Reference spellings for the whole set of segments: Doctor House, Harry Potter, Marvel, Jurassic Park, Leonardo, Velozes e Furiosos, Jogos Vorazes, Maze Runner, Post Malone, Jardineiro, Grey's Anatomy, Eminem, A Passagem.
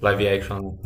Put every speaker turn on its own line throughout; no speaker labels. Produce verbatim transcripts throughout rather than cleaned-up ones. Live action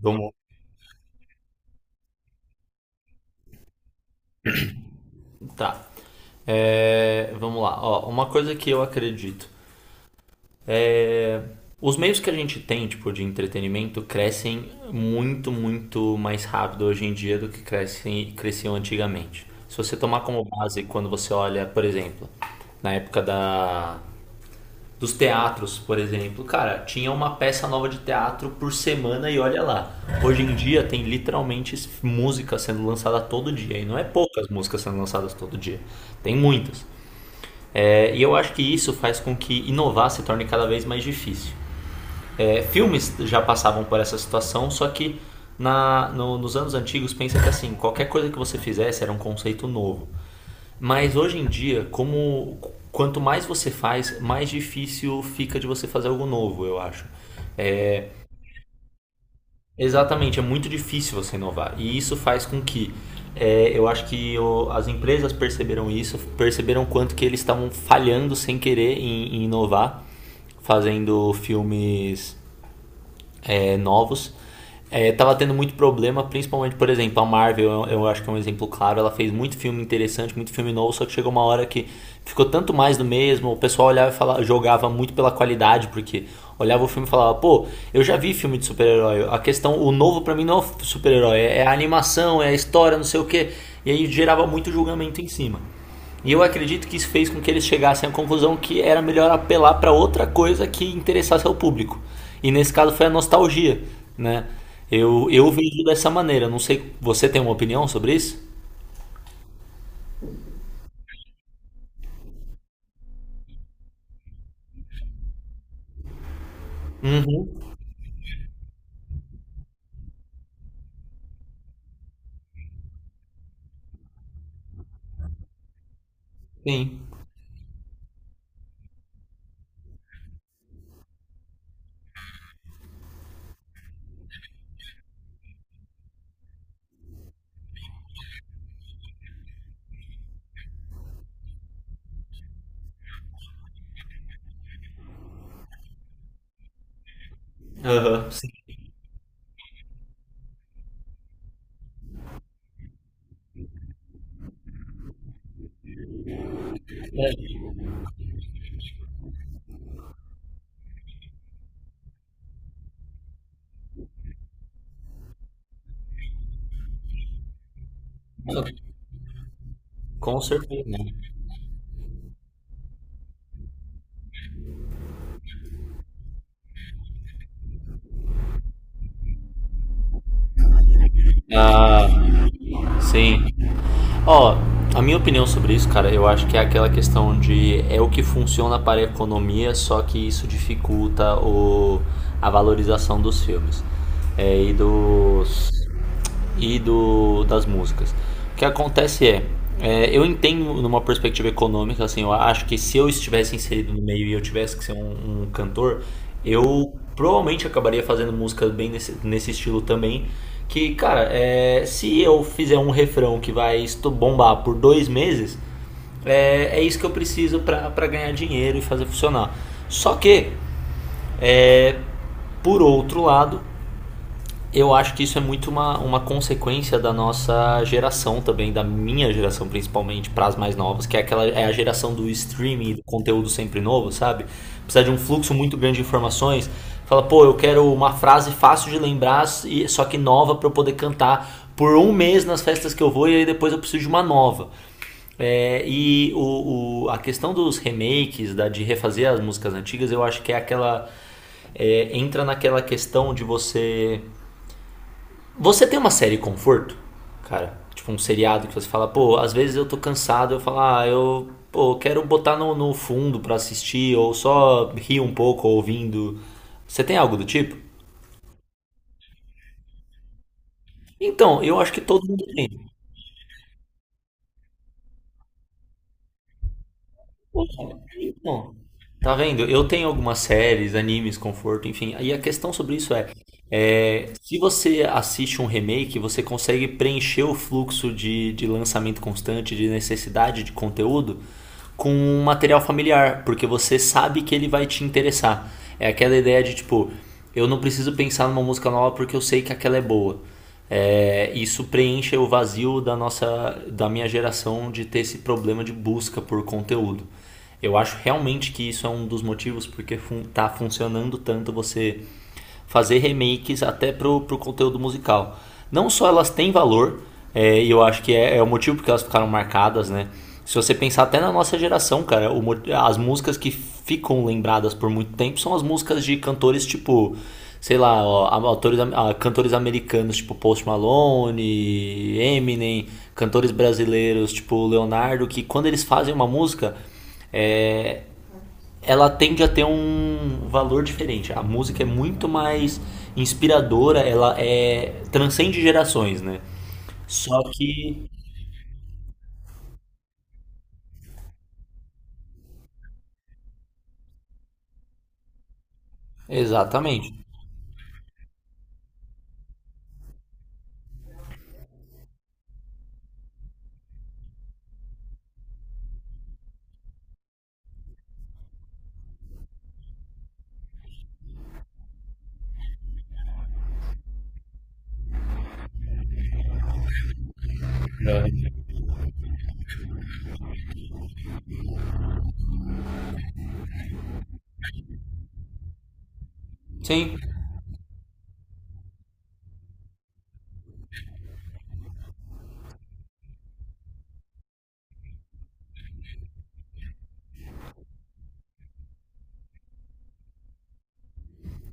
do mundo. Tá. É, vamos lá. Ó, uma coisa que eu acredito. Os meios que a gente tem, tipo, de entretenimento, crescem muito, muito mais rápido hoje em dia do que crescem, cresciam antigamente. Se você tomar como base, quando você olha, por exemplo, na época da dos teatros, por exemplo. Cara, tinha uma peça nova de teatro por semana e olha lá. Hoje em dia tem literalmente música sendo lançada todo dia. E não é poucas músicas sendo lançadas todo dia. Tem muitas. É, e eu acho que isso faz com que inovar se torne cada vez mais difícil. É, filmes já passavam por essa situação, só que na, no, nos anos antigos pensa que assim, qualquer coisa que você fizesse era um conceito novo. Mas hoje em dia, como quanto mais você faz, mais difícil fica de você fazer algo novo, eu acho. É, exatamente, é muito difícil você inovar. E isso faz com que é, eu acho que o, as empresas perceberam isso, perceberam quanto que eles estavam falhando sem querer em, em inovar, fazendo filmes é, novos. É, tava tendo muito problema, principalmente, por exemplo, a Marvel, eu, eu acho que é um exemplo claro, ela fez muito filme interessante, muito filme novo, só que chegou uma hora que ficou tanto mais do mesmo, o pessoal olhava e falava, jogava muito pela qualidade, porque olhava o filme e falava, pô, eu já vi filme de super-herói, a questão, o novo para mim não é super-herói, é a animação, é a história, não sei o que, e aí gerava muito julgamento em cima. E eu acredito que isso fez com que eles chegassem à conclusão que era melhor apelar para outra coisa que interessasse ao público. E nesse caso foi a nostalgia, né? Eu, eu vejo dessa maneira. Não sei, você tem uma opinião sobre isso? Sim. Aham, sim. Com certeza. Sim. Ó, a minha opinião sobre isso, cara, eu acho que é aquela questão de é o que funciona para a economia, só que isso dificulta o, a valorização dos filmes é, e dos e do, das músicas. O que acontece é, é, eu entendo numa perspectiva econômica, assim, eu acho que se eu estivesse inserido no meio e eu tivesse que ser um, um cantor, eu provavelmente acabaria fazendo música bem nesse, nesse estilo também. Que, cara, é, se eu fizer um refrão que vai esto- bombar por dois meses, é, é isso que eu preciso pra pra ganhar dinheiro e fazer funcionar. Só que, é, por outro lado, eu acho que isso é muito uma, uma consequência da nossa geração também, da minha geração principalmente, para as mais novas, que é aquela é a geração do streaming, do conteúdo sempre novo, sabe? Precisa de um fluxo muito grande de informações. Fala, pô, eu quero uma frase fácil de lembrar, e- só que nova para eu poder cantar por um mês nas festas que eu vou e aí depois eu preciso de uma nova. É, e o, o- a questão dos remakes, da, de refazer as músicas antigas, eu acho que é aquela. é, entra naquela questão de você você tem uma série conforto, cara? Tipo um seriado que você fala, pô, às vezes eu tô cansado, eu falo, ah, eu pô, quero botar no, no fundo pra assistir, ou só rir um pouco ouvindo. Você tem algo do tipo? Então, eu acho que todo mundo tem. Pô, então, tá vendo? Eu tenho algumas séries, animes, conforto, enfim. E a questão sobre isso é, É, se você assiste um remake, você consegue preencher o fluxo de, de lançamento constante, de necessidade de conteúdo, com um material familiar, porque você sabe que ele vai te interessar. É aquela ideia de tipo, eu não preciso pensar numa música nova porque eu sei que aquela é boa. É, isso preenche o vazio da nossa, da minha geração de ter esse problema de busca por conteúdo. Eu acho realmente que isso é um dos motivos porque está fun tá funcionando tanto você fazer remakes até pro, pro conteúdo musical. Não só elas têm valor, é, e é, eu acho que é, é o motivo porque elas ficaram marcadas, né? Se você pensar até na nossa geração, cara, o, as músicas que ficam lembradas por muito tempo são as músicas de cantores tipo, sei lá, ó, autores, ó, cantores americanos tipo Post Malone, Eminem, cantores brasileiros tipo Leonardo, que quando eles fazem uma música, é, ela tende a ter um valor diferente. A música é muito mais inspiradora, ela é transcende gerações, né? Só que exatamente. Sim.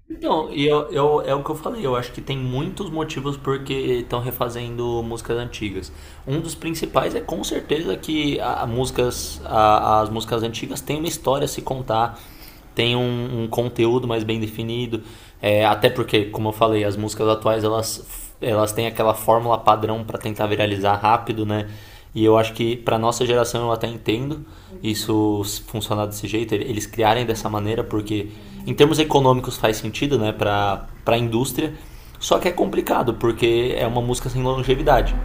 Então, e eu, eu- é o que eu falei, eu acho que tem muitos motivos porque estão refazendo músicas antigas. Um dos principais é com certeza que a, a músicas, a- as músicas antigas têm uma história a se contar, tem um, um conteúdo mais bem definido, é, até porque, como eu falei, as músicas atuais elas elas têm aquela fórmula padrão para tentar viralizar rápido, né? E eu acho que para nossa geração eu até entendo isso funcionar desse jeito, eles criarem dessa maneira, porque em termos econômicos faz sentido, né, para para a indústria. Só que é complicado, porque é uma música sem longevidade.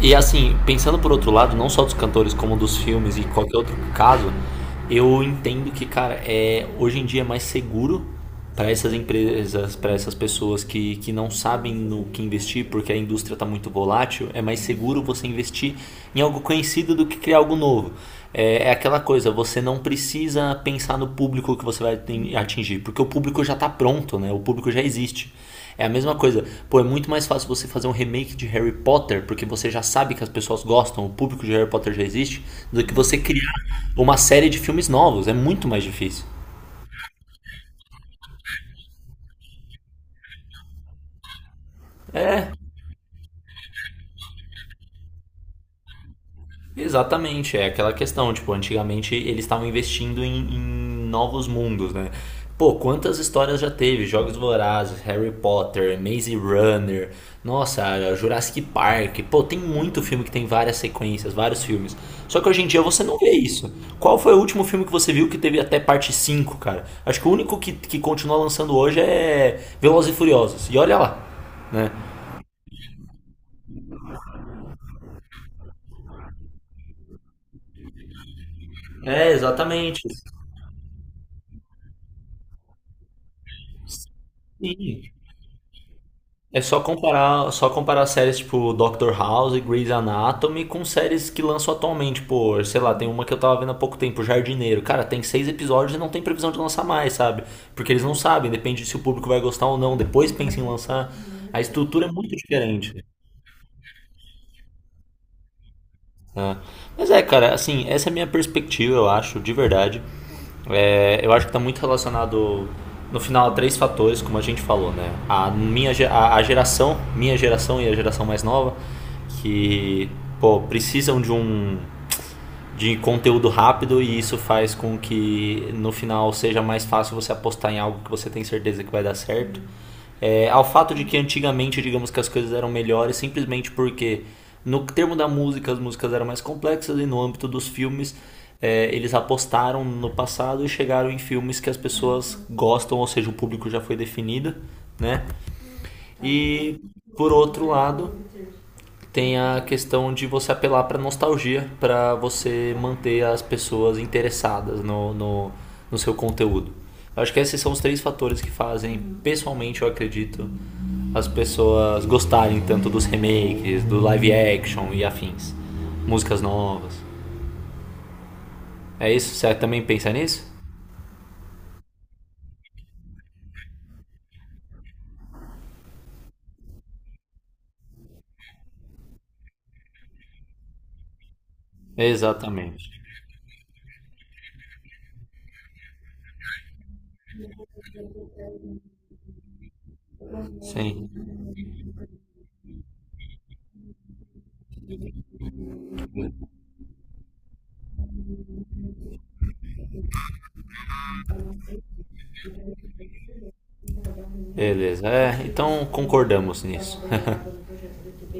E assim, pensando por outro lado, não só dos cantores, como dos filmes e qualquer outro caso, eu entendo que, cara, é, hoje em dia é mais seguro para essas empresas, para essas pessoas que, que não sabem no que investir, porque a indústria está muito volátil, é mais seguro você investir em algo conhecido do que criar algo novo. É, é aquela coisa, você não precisa pensar no público que você vai atingir, porque o público já está pronto, né? O público já existe. É a mesma coisa. Pô, é muito mais fácil você fazer um remake de Harry Potter, porque você já sabe que as pessoas gostam, o público de Harry Potter já existe, do que você criar uma série de filmes novos. É muito mais difícil. É, exatamente, é aquela questão, tipo, antigamente eles estavam investindo em, em, novos mundos, né? Pô, quantas histórias já teve? Jogos Vorazes, Harry Potter, Maze Runner, nossa, Jurassic Park. Pô, tem muito filme que tem várias sequências, vários filmes. Só que hoje em dia você não vê isso. Qual foi o último filme que você viu que teve até parte cinco, cara? Acho que o único que, que continua lançando hoje é Velozes e Furiosos. E olha lá, né? É, exatamente. Sim. É só comparar, só comparar séries tipo Doctor House e Grey's Anatomy com séries que lançam atualmente. Pô, sei lá, tem uma que eu tava vendo há pouco tempo, Jardineiro. Cara, tem seis episódios e não tem previsão de lançar mais, sabe? Porque eles não sabem, depende se o público vai gostar ou não. Depois pensa em lançar. A estrutura é muito diferente. Né? Mas é, cara, assim, essa é a minha perspectiva, eu acho, de verdade. É, eu acho que está muito relacionado, no final, a três fatores, como a gente falou, né? A, minha, ge- a, a geração, minha geração e a geração mais nova, que, pô, precisam de um de conteúdo rápido e isso faz com que no final seja mais fácil você apostar em algo que você tem certeza que vai dar certo é, ao fato de que antigamente, digamos que as coisas eram melhores simplesmente porque, no termo da música, as músicas eram mais complexas e no âmbito dos filmes, é, eles apostaram no passado e chegaram em filmes que as pessoas gostam, ou seja, o público já foi definido, né? E, por outro lado, tem a questão de você apelar para nostalgia, para você manter as pessoas interessadas no, no, no seu conteúdo. Eu acho que esses são os três fatores que fazem, pessoalmente, eu acredito, as pessoas gostarem tanto dos remakes, do live action e afins, músicas novas. É isso? Você também pensa nisso? Exatamente. Sim. Beleza. É, então concordamos nisso.